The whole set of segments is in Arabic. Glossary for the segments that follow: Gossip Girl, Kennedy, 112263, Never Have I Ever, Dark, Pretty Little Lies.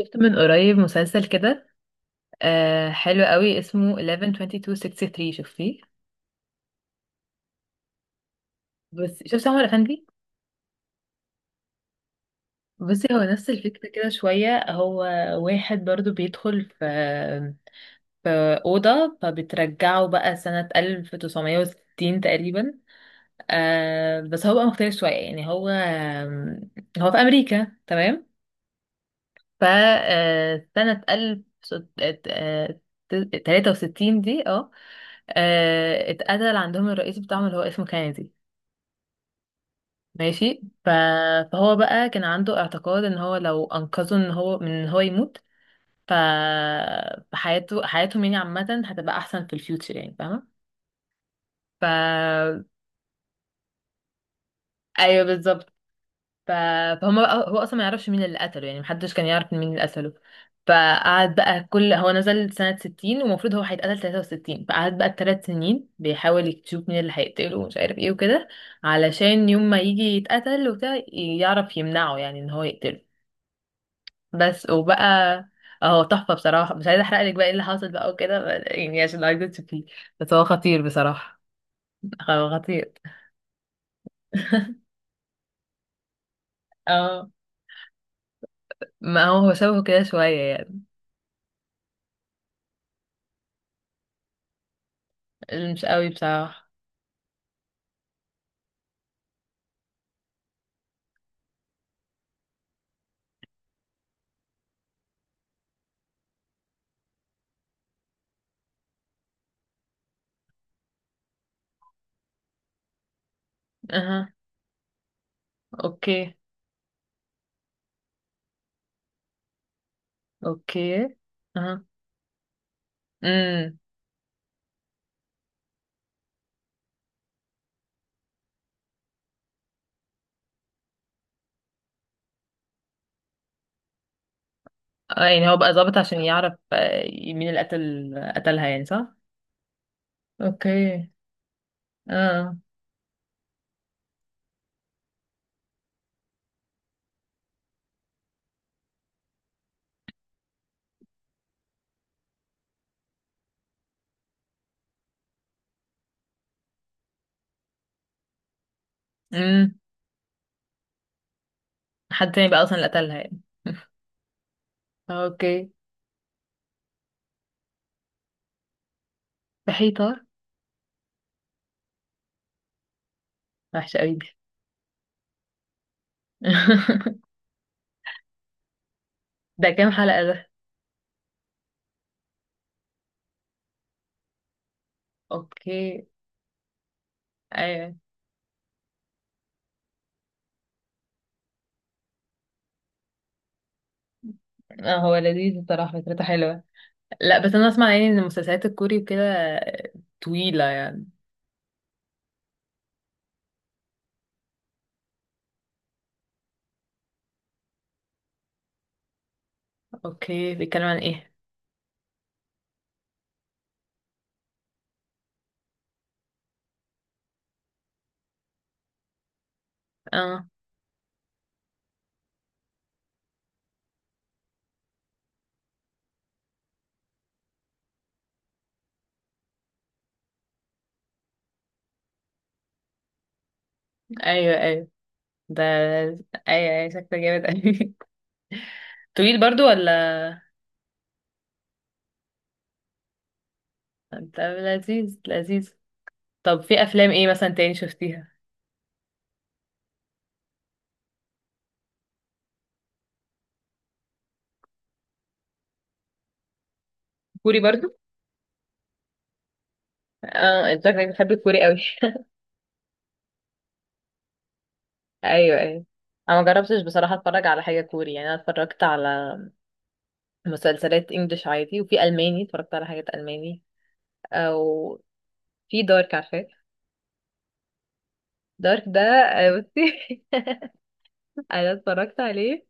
شفت من قريب مسلسل كده. آه، حلو قوي، اسمه 112263. شفتيه؟ بس شفت عمر افندي. بصي، هو نفس الفكرة كده شوية. هو واحد برضو بيدخل في أوضة، فبترجعه بقى سنة 1960 تقريبا. آه، بس هو بقى مختلف شوية يعني. هو في أمريكا، تمام؟ فسنة ألف تلاتة وستين دي، اه، آه، اتقتل عندهم الرئيس بتاعهم اللي هو اسمه كينيدي. ماشي. فهو بقى كان عنده اعتقاد ان هو لو انقذه ان هو يموت، ف... فحياته حياتهم يعني عامة هتبقى احسن في الفيوتشر، يعني فاهمة. ف ايوه، بالظبط. ف... فهم بقى، هو اصلا ما يعرفش مين اللي قتله، يعني محدش كان يعرف مين اللي قتله. فقعد بقى، كل هو نزل سنة 60 ومفروض هو هيتقتل 63، فقعد بقى الثلاث سنين بيحاول يشوف مين اللي هيقتله ومش عارف ايه وكده، علشان يوم ما يجي يتقتل وبتاع يعرف يمنعه، يعني ان هو يقتله. بس وبقى، اهو تحفة بصراحة. مش عايزة احرق لك بقى ايه اللي حصل بقى وكده، يعني عشان عايزة تشوفيه. بس هو خطير بصراحة. هو خطير. اه، ما هو شبهه كده شوية. يعني مش قوي بصراحة. اها. اوكي. اوكي. اها. امم. آه، يعني هو بقى ظابط عشان يعرف، آه، مين اللي قتلها، يعني صح. اوكي. اه. امم. حد تاني بقى اصلا اللي قتلها يعني. اوكي. في حيطة. وحشة قوي دي. ده كام حلقة ده؟ اوكي. ايوه. آه، هو لذيذ بصراحة، فكرته حلوة. لا، بس انا اسمع يعني ان المسلسلات الكوري وكده، آه، طويلة يعني. اوكي، بيتكلم عن ايه؟ اه. ايوه ايوه. ده. ايوه ايوه، شكله جامد قوي. طويل برضو ولا؟ طب لذيذ لذيذ. طب في افلام ايه مثلا تاني شفتيها؟ كوري برضو؟ اه، انت شكلك بتحب الكوري قوي. ايوه ايوه. انا ما جربتش بصراحه اتفرج على حاجه كوري، يعني انا اتفرجت على مسلسلات انجليش عادي، وفي الماني اتفرجت على حاجات الماني. او في دارك، عارفاه؟ دارك ده، آه، بصي. انا اتفرجت عليه.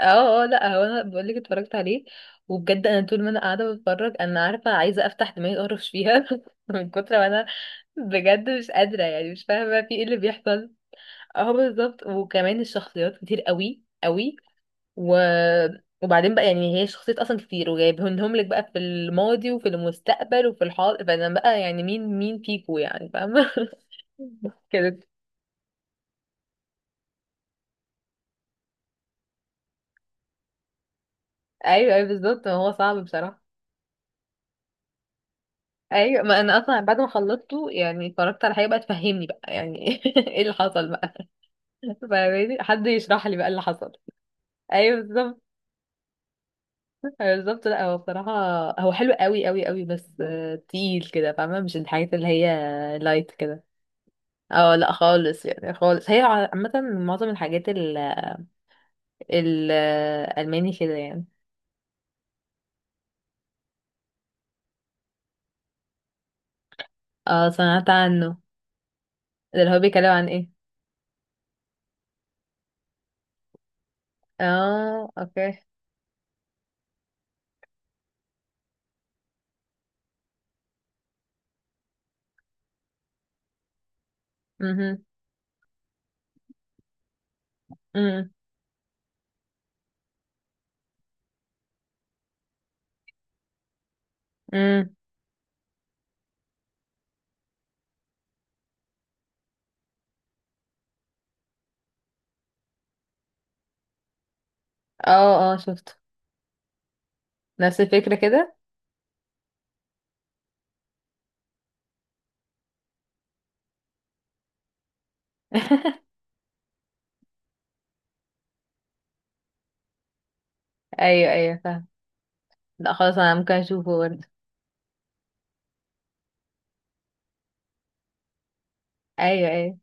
اه اه، لا هو انا بقول لك اتفرجت عليه. وبجد انا طول ما انا قاعده بتفرج، انا عارفه عايزه افتح دماغي اقرش فيها من كتر ما انا بجد مش قادره، يعني مش فاهمه في ايه اللي بيحصل. اه بالظبط، وكمان الشخصيات كتير قوي قوي. و... وبعدين بقى يعني هي شخصيات اصلا كتير، وجايبهم لك بقى في الماضي وفي المستقبل وفي الحاضر، فانا بقى يعني مين فيكو، يعني فاهمه؟ كده. ايوه ايوه بالظبط، ما هو صعب بصراحه. ايوه، ما انا اصلا بعد ما خلصته يعني اتفرجت على حاجه بقى تفهمني بقى يعني. ايه اللي حصل بقى. فاهماني؟ حد يشرح لي بقى اللي حصل. ايوه بالظبط. أيوة بالظبط. لا هو بصراحه هو حلو قوي قوي قوي، بس آه، تقيل كده، فاهمه؟ مش الحاجات اللي هي لايت كده. اه لا خالص، يعني خالص. هي عامه معظم الحاجات الالماني كده يعني. اه، سمعت عنه. ده اللي هو بيتكلم عن ايه؟ اه، اوكي. امم. امم. امم. اه اه، شفته. نفس الفكره كده. ايوه ايوه فاهم. لا خلاص، انا ممكن اشوفه برضه. ايوه ايوه.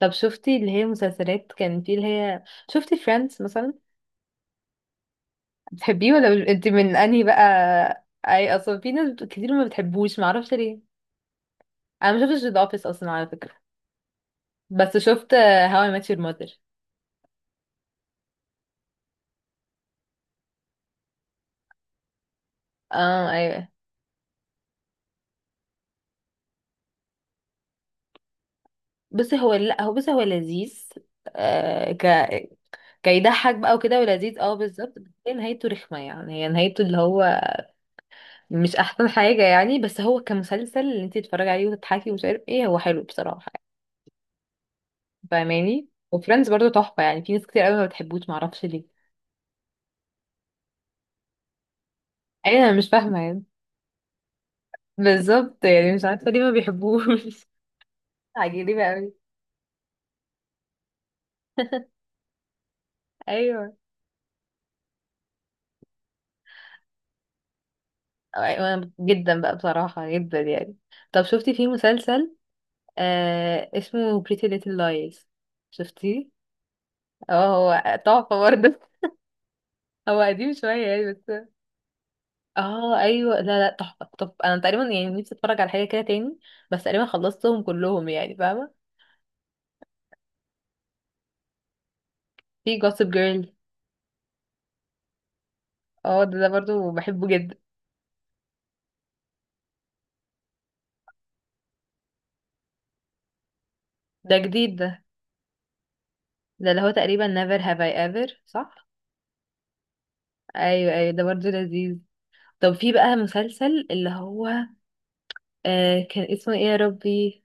طب شفتي اللي هي مسلسلات كان في اللي هي، شفتي فريندز مثلا؟ بتحبيه ولا مش، انت من انهي بقى؟ اي، اصلا في ناس كتير ما بتحبوش، معرفش ليه. انا ما شفتش ذا اوفيس اصلا على فكره، بس شفت هاو اي ميت يور ماذر. اه ايوه. بصي هو، لا هو، بصي هو لذيذ. آه، كيضحك بقى وكده ولذيذ، اه بالظبط، بس هي نهايته رخمه يعني. هي نهايته اللي هو مش احسن حاجة يعني، بس هو كمسلسل اللي انت تتفرجي عليه وتضحكي ومش عارف ايه، هو حلو بصراحة يعني. فاهماني؟ وفريندز برضو تحفة، يعني في ناس كتير قوي ما بتحبوش، معرفش ليه. ايوه، انا مش فاهمة يعني. بالظبط، يعني مش عارفة ليه ما بيحبوش. عجيبة قوي. ايوه. انا جدا بقى بصراحة، جدا يعني. طب شفتي في مسلسل آه اسمه Pretty Little Lies؟ شفتيه؟ اه، هو تحفة برضه. هو قديم شوية يعني. اه ايوه، لا لا تحفه. طب انا تقريبا يعني نفسي اتفرج على حاجه كده تاني، بس تقريبا خلصتهم كلهم يعني، فاهمه؟ في جوسب جيرل. اه، ده برضو بحبه جدا. ده جديد ده؟ ده اللي هو تقريبا never have I ever، صح؟ ايوه ايوه، ده برضو لذيذ. طب في بقى مسلسل اللي هو، آه كان اسمه ايه يا ربي،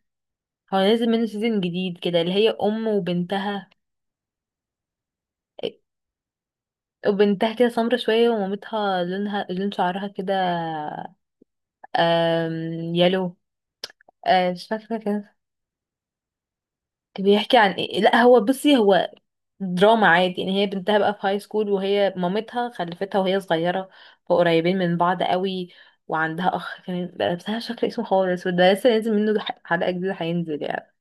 هو نازل منه سيزون جديد كده، اللي هي ام وبنتها. وبنتها كده سمرة شوية، ومامتها لونها لون شعرها كده، آم، يلو. آه، مش فاكرة كان بيحكي عن ايه. لا هو بصي، هو دراما عادي يعني. هي بنتها بقى في هاي سكول، وهي مامتها خلفتها وهي صغيرة، فقريبين من بعض قوي. وعندها اخ كان بس انا مش فاكرة اسمه خالص. وده لسه نازل منه حلقة جديدة، هينزل يعني.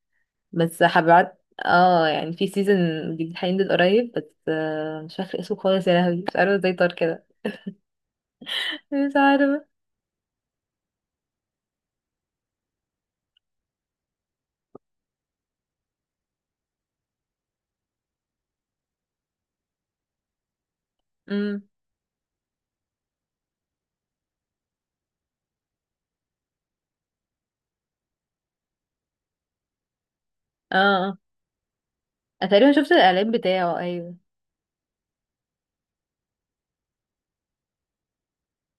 بس حبعت، اه يعني في سيزون جديد هينزل قريب، بس آه، مش فاكرة اسمه خالص. يا لهوي، مش عارفة ازاي طار كده. مش عارفة. امم. اه اه. أنا تقريبا شفت الاعلان بتاعه، ايوه.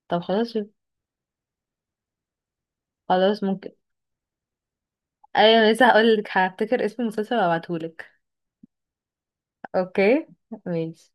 طب خلاص. خلاص ممكن. ايوه، لسه هقولك، هفتكر اسم المسلسل وابعتهولك. اوكي. ماشي.